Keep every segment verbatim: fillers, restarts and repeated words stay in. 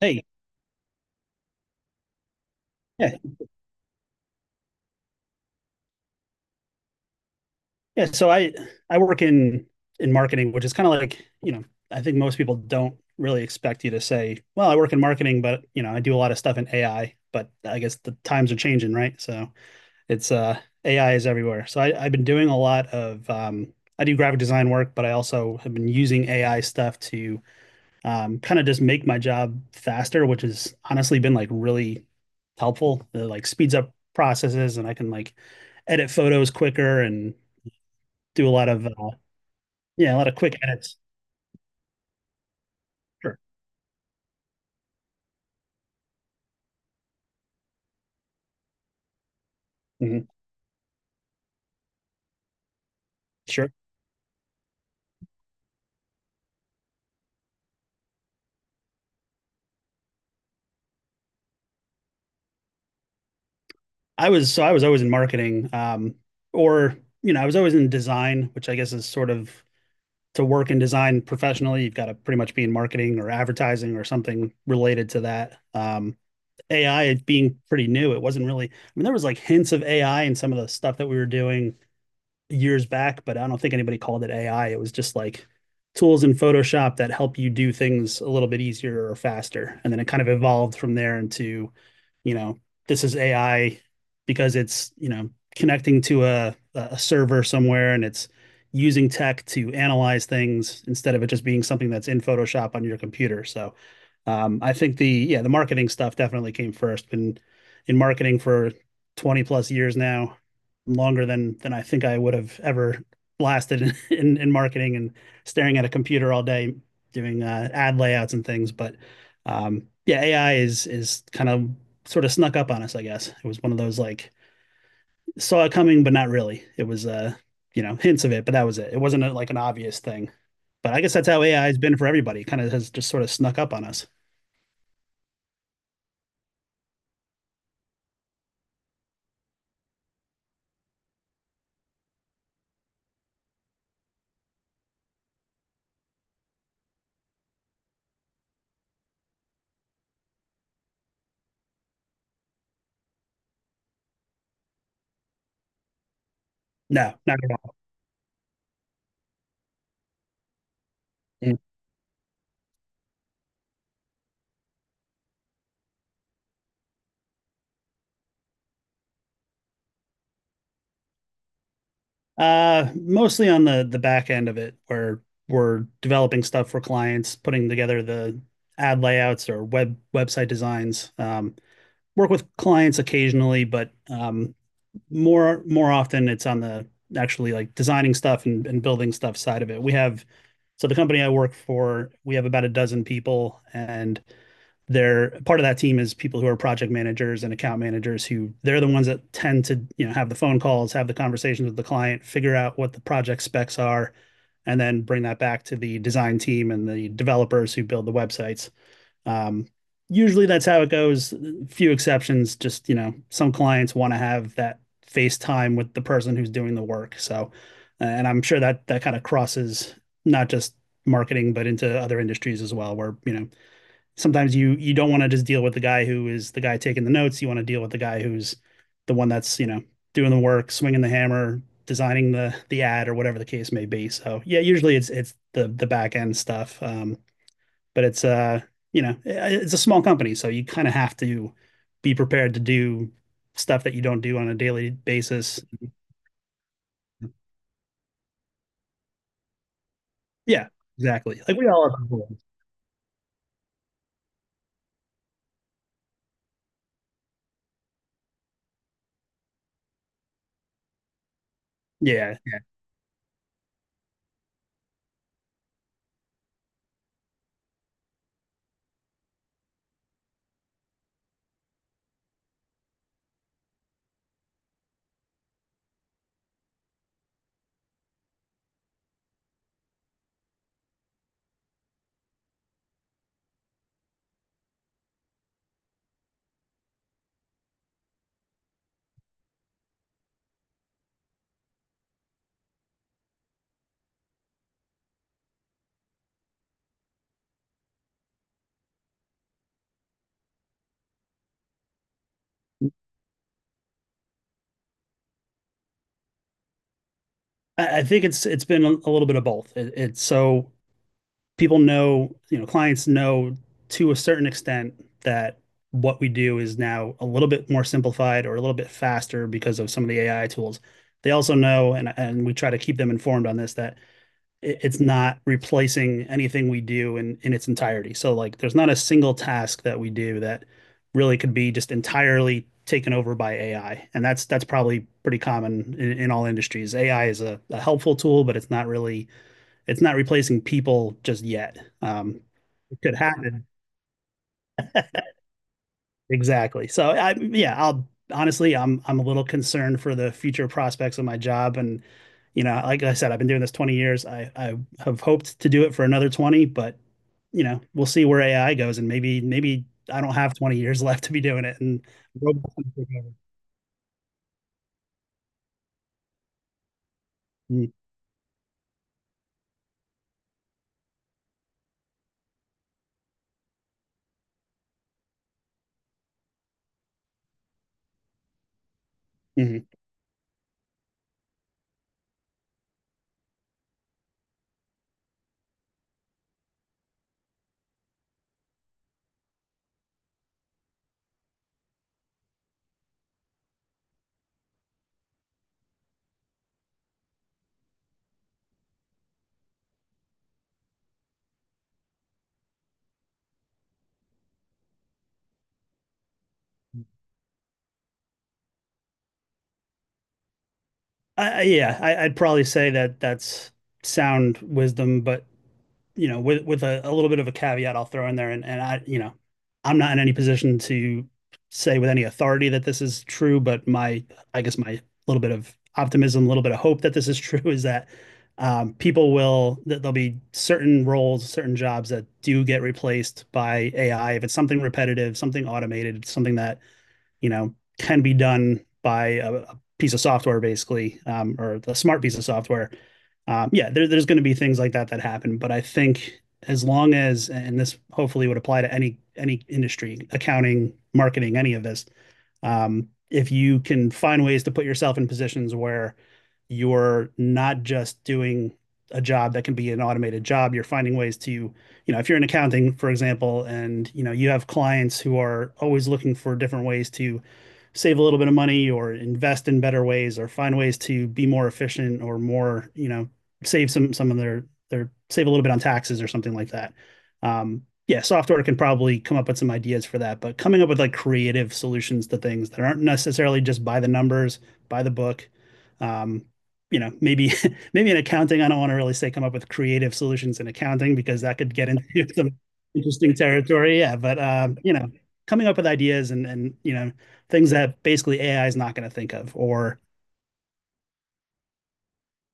Hey, yeah, yeah. So I I work in in marketing, which is kind of like, you know, I think most people don't really expect you to say, well, I work in marketing, but you know, I do a lot of stuff in A I, but I guess the times are changing, right? So it's uh A I is everywhere. So I, I've been doing a lot of um I do graphic design work, but I also have been using A I stuff to um, kind of just make my job faster, which has honestly been like really helpful. It like speeds up processes and I can like edit photos quicker and do a lot of uh, yeah, a lot of quick edits. Sure. Mhm. Sure. I was so I was always in marketing, um, or you know, I was always in design, which I guess is sort of to work in design professionally, you've got to pretty much be in marketing or advertising or something related to that. Um, A I being pretty new, it wasn't really. I mean, there was like hints of A I in some of the stuff that we were doing years back, but I don't think anybody called it A I. It was just like tools in Photoshop that help you do things a little bit easier or faster. And then it kind of evolved from there into, you know, this is A I because it's, you know, connecting to a, a server somewhere and it's using tech to analyze things instead of it just being something that's in Photoshop on your computer. So um, I think the, yeah, the marketing stuff definitely came first. Been in marketing for twenty plus years now, longer than than I think I would have ever lasted in, in, in marketing and staring at a computer all day doing uh, ad layouts and things. But um, yeah, A I is is kind of sort of snuck up on us, I guess. It was one of those like saw it coming, but not really. It was uh, you know, hints of it, but that was it. It wasn't a, like an obvious thing. But I guess that's how A I has been for everybody. It kind of has just sort of snuck up on us. No, not at all. Uh, mostly on the the back end of it, where we're developing stuff for clients, putting together the ad layouts or web website designs. Um, work with clients occasionally, but um, more more often it's on the actually like designing stuff and, and building stuff side of it. We have so the company I work for, we have about a dozen people, and they're part of that team is people who are project managers and account managers who they're the ones that tend to, you know, have the phone calls, have the conversations with the client, figure out what the project specs are, and then bring that back to the design team and the developers who build the websites. um, usually that's how it goes, few exceptions, just you know some clients want to have that face time with the person who's doing the work. So and I'm sure that that kind of crosses not just marketing but into other industries as well, where you know sometimes you you don't want to just deal with the guy who is the guy taking the notes. You want to deal with the guy who's the one that's, you know, doing the work, swinging the hammer, designing the the ad or whatever the case may be. So yeah, usually it's it's the the back end stuff. Um, but it's uh you know it's a small company, so you kind of have to be prepared to do stuff that you don't do on a daily basis. Yeah, exactly. Like we all have. Yeah, yeah. I, I think it's it's been a a little bit of both. It, it's so people know, you know, clients know to a certain extent that what we do is now a little bit more simplified or a little bit faster because of some of the A I tools. They also know, and and we try to keep them informed on this, that it's not replacing anything we do in in its entirety. So like there's not a single task that we do that really could be just entirely taken over by A I. And that's that's probably pretty common in, in all industries. A I is a, a helpful tool, but it's not really it's not replacing people just yet. Um, it could happen exactly. So I yeah, I'll honestly, I'm I'm a little concerned for the future prospects of my job. And you know, like I said, I've been doing this twenty years. I, I have hoped to do it for another twenty, but you know, we'll see where A I goes and maybe maybe I don't have twenty years left to be doing it, and robots can take over. Mhm. I- yeah, I, I'd probably say that that's sound wisdom, but you know, with with a, a little bit of a caveat I'll throw in there, and and I, you know, I'm not in any position to say with any authority that this is true, but my, I guess my little bit of optimism, a little bit of hope that this is true is that um, people will that there'll be certain roles, certain jobs that do get replaced by A I. If it's something repetitive, something automated, something that you know can be done by a, a piece of software, basically, um, or a smart piece of software, um, yeah, there, there's going to be things like that that happen, but I think as long as, and this hopefully would apply to any any industry, accounting, marketing, any of this, um, if you can find ways to put yourself in positions where you're not just doing a job that can be an automated job, you're finding ways to, you know, if you're in accounting, for example, and you know you have clients who are always looking for different ways to save a little bit of money or invest in better ways or find ways to be more efficient or more, you know, save some some of their their save a little bit on taxes or something like that. Um, yeah, software can probably come up with some ideas for that, but coming up with like creative solutions to things that aren't necessarily just by the numbers, by the book. Um, you know, maybe maybe in accounting, I don't want to really say come up with creative solutions in accounting because that could get into some interesting territory. Yeah, but um, you know, coming up with ideas and and you know things that basically A I is not going to think of. Or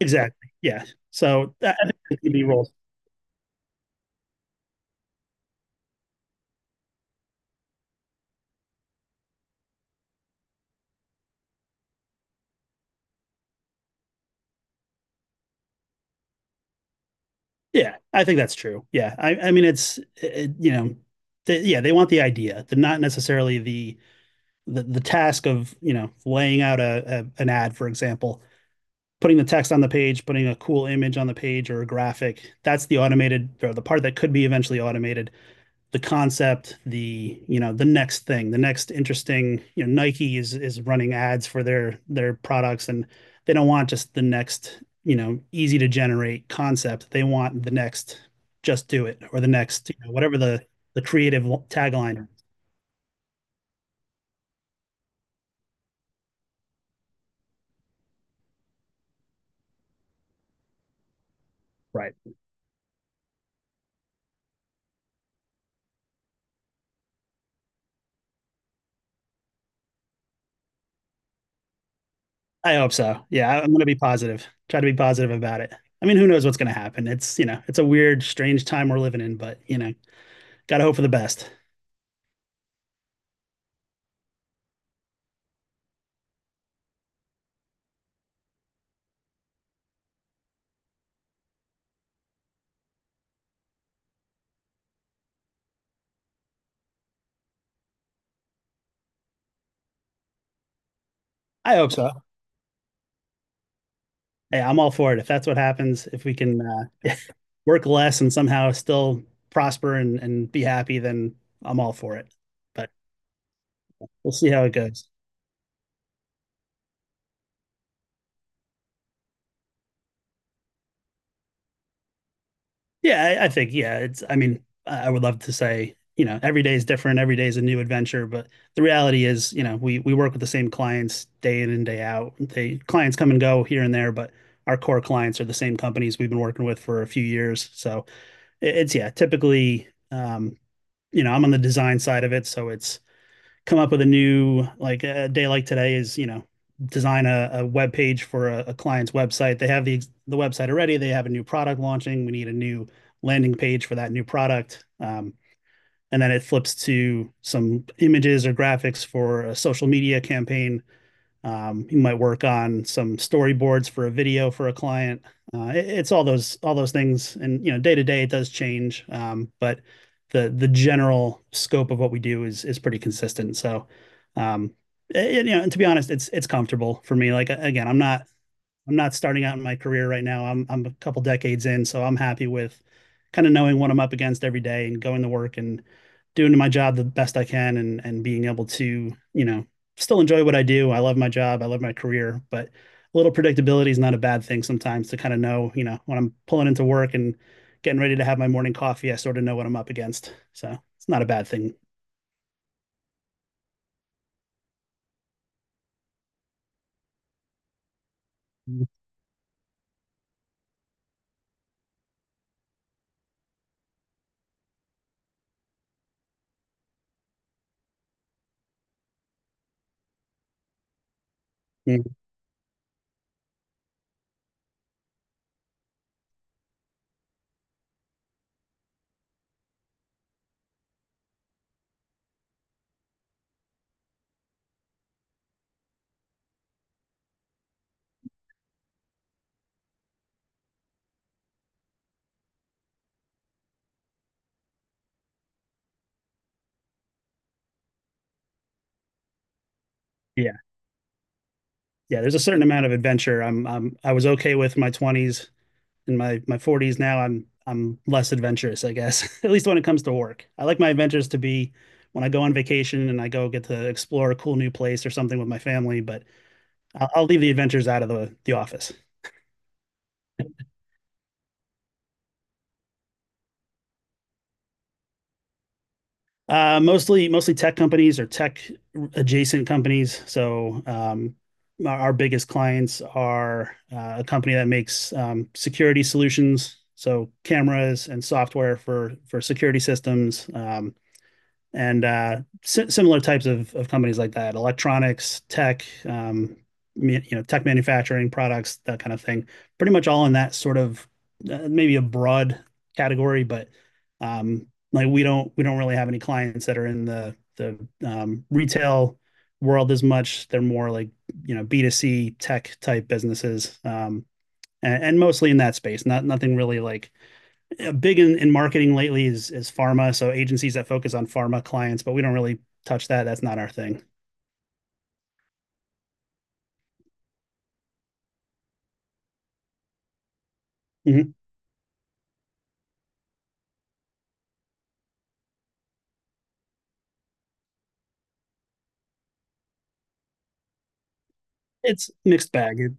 exactly yeah. So that, I think it can be role. Yeah, I think that's true. Yeah, I, I mean, it's it, you know, the, yeah, they want the idea, the not necessarily the the, the task of you know laying out a, a an ad, for example, putting the text on the page, putting a cool image on the page or a graphic. That's the automated or the part that could be eventually automated, the concept, the you know the next thing, the next interesting. You know, Nike is is running ads for their their products, and they don't want just the next you know easy to generate concept. They want the next just do it or the next you know, whatever the the creative tagline is. Right. I hope so. Yeah, I'm going to be positive. Try to be positive about it. I mean, who knows what's going to happen? It's you know, it's a weird, strange time we're living in, but you know, got to hope for the best. I hope so. Hey, I'm all for it. If that's what happens, if we can uh, work less and somehow still prosper and, and be happy, then I'm all for it. But we'll see how it goes. Yeah, I, I think, yeah, it's, I mean, I would love to say, you know, every day is different, every day is a new adventure. But the reality is, you know, we, we work with the same clients day in and day out. They clients come and go here and there, but our core clients are the same companies we've been working with for a few years. So it- it's, yeah, typically, um, you know, I'm on the design side of it. So it's, come up with a new like a day like today is you know design a, a web page for a, a client's website. They have the the website already, they have a new product launching, we need a new landing page for that new product. Um, and then it flips to some images or graphics for a social media campaign. Um, you might work on some storyboards for a video for a client. Uh, it- it's all those all those things, and you know, day to day it does change, um, but the the general scope of what we do is is pretty consistent. So, um, it- you know, and to be honest, it's it's comfortable for me. Like again, I'm not I'm not starting out in my career right now. I'm I'm a couple decades in, so I'm happy with kind of knowing what I'm up against every day and going to work and doing my job the best I can, and and being able to, you know, still enjoy what I do. I love my job, I love my career, but a little predictability is not a bad thing sometimes, to kind of know, you know, when I'm pulling into work and getting ready to have my morning coffee, I sort of know what I'm up against. So it's not a bad thing. Yeah. Yeah. There's a certain amount of adventure. I'm, I'm I was okay with my twenties. In my my forties now, I'm I'm less adventurous, I guess. At least when it comes to work. I like my adventures to be when I go on vacation and I go get to explore a cool new place or something with my family, but I'll, I'll leave the adventures out of the the office. Uh, mostly mostly tech companies or tech adjacent companies. So um, our biggest clients are uh, a company that makes um, security solutions, so cameras and software for for security systems. Um, and uh, si- Similar types of, of companies like that: electronics, tech, um, you know, tech manufacturing products, that kind of thing. Pretty much all in that sort of uh, maybe a broad category. But um, like we don't we don't really have any clients that are in the the um, retail world as much. They're more like you know B two C tech type businesses, um, and, and mostly in that space. Not nothing really like uh, big in, in marketing lately is is pharma, so agencies that focus on pharma clients, but we don't really touch that. That's not our thing. Mhm. It's mixed bag. It-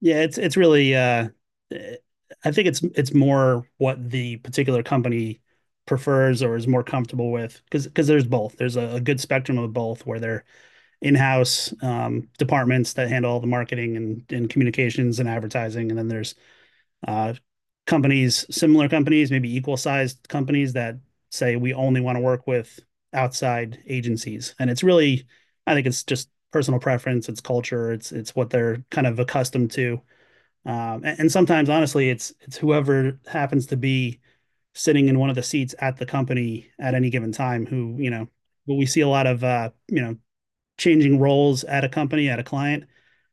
yeah, it's it's really uh, eh, I think it's it's more what the particular company prefers or is more comfortable with, because because there's both. There's a, a good spectrum of both, where they're in-house um, departments that handle all the marketing and, and communications and advertising, and then there's uh, companies, similar companies, maybe equal sized companies, that say we only want to work with outside agencies. And it's really, I think it's just personal preference, it's culture, it's it's what they're kind of accustomed to. Um, and, and sometimes, honestly, it's it's whoever happens to be sitting in one of the seats at the company at any given time who you know. But we see a lot of uh, you know, changing roles at a company, at a client.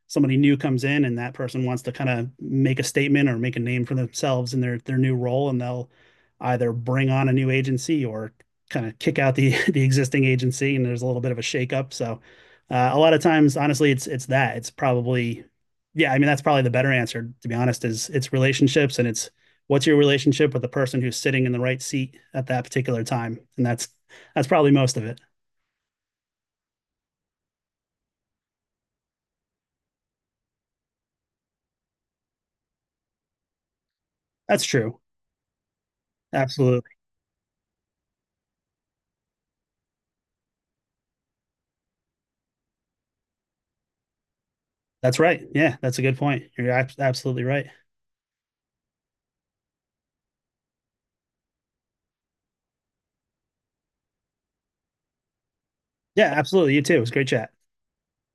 Somebody new comes in and that person wants to kind of make a statement or make a name for themselves in their their new role, and they'll either bring on a new agency or kind of kick out the the existing agency, and there's a little bit of a shakeup. So uh, a lot of times, honestly, it's it's that. It's probably, yeah, I mean, that's probably the better answer, to be honest. Is it's relationships, and it's what's your relationship with the person who's sitting in the right seat at that particular time, and that's that's probably most of it. That's true. Absolutely. That's right. Yeah, that's a good point. You're abs absolutely right. Yeah, absolutely. You too. It was a great chat.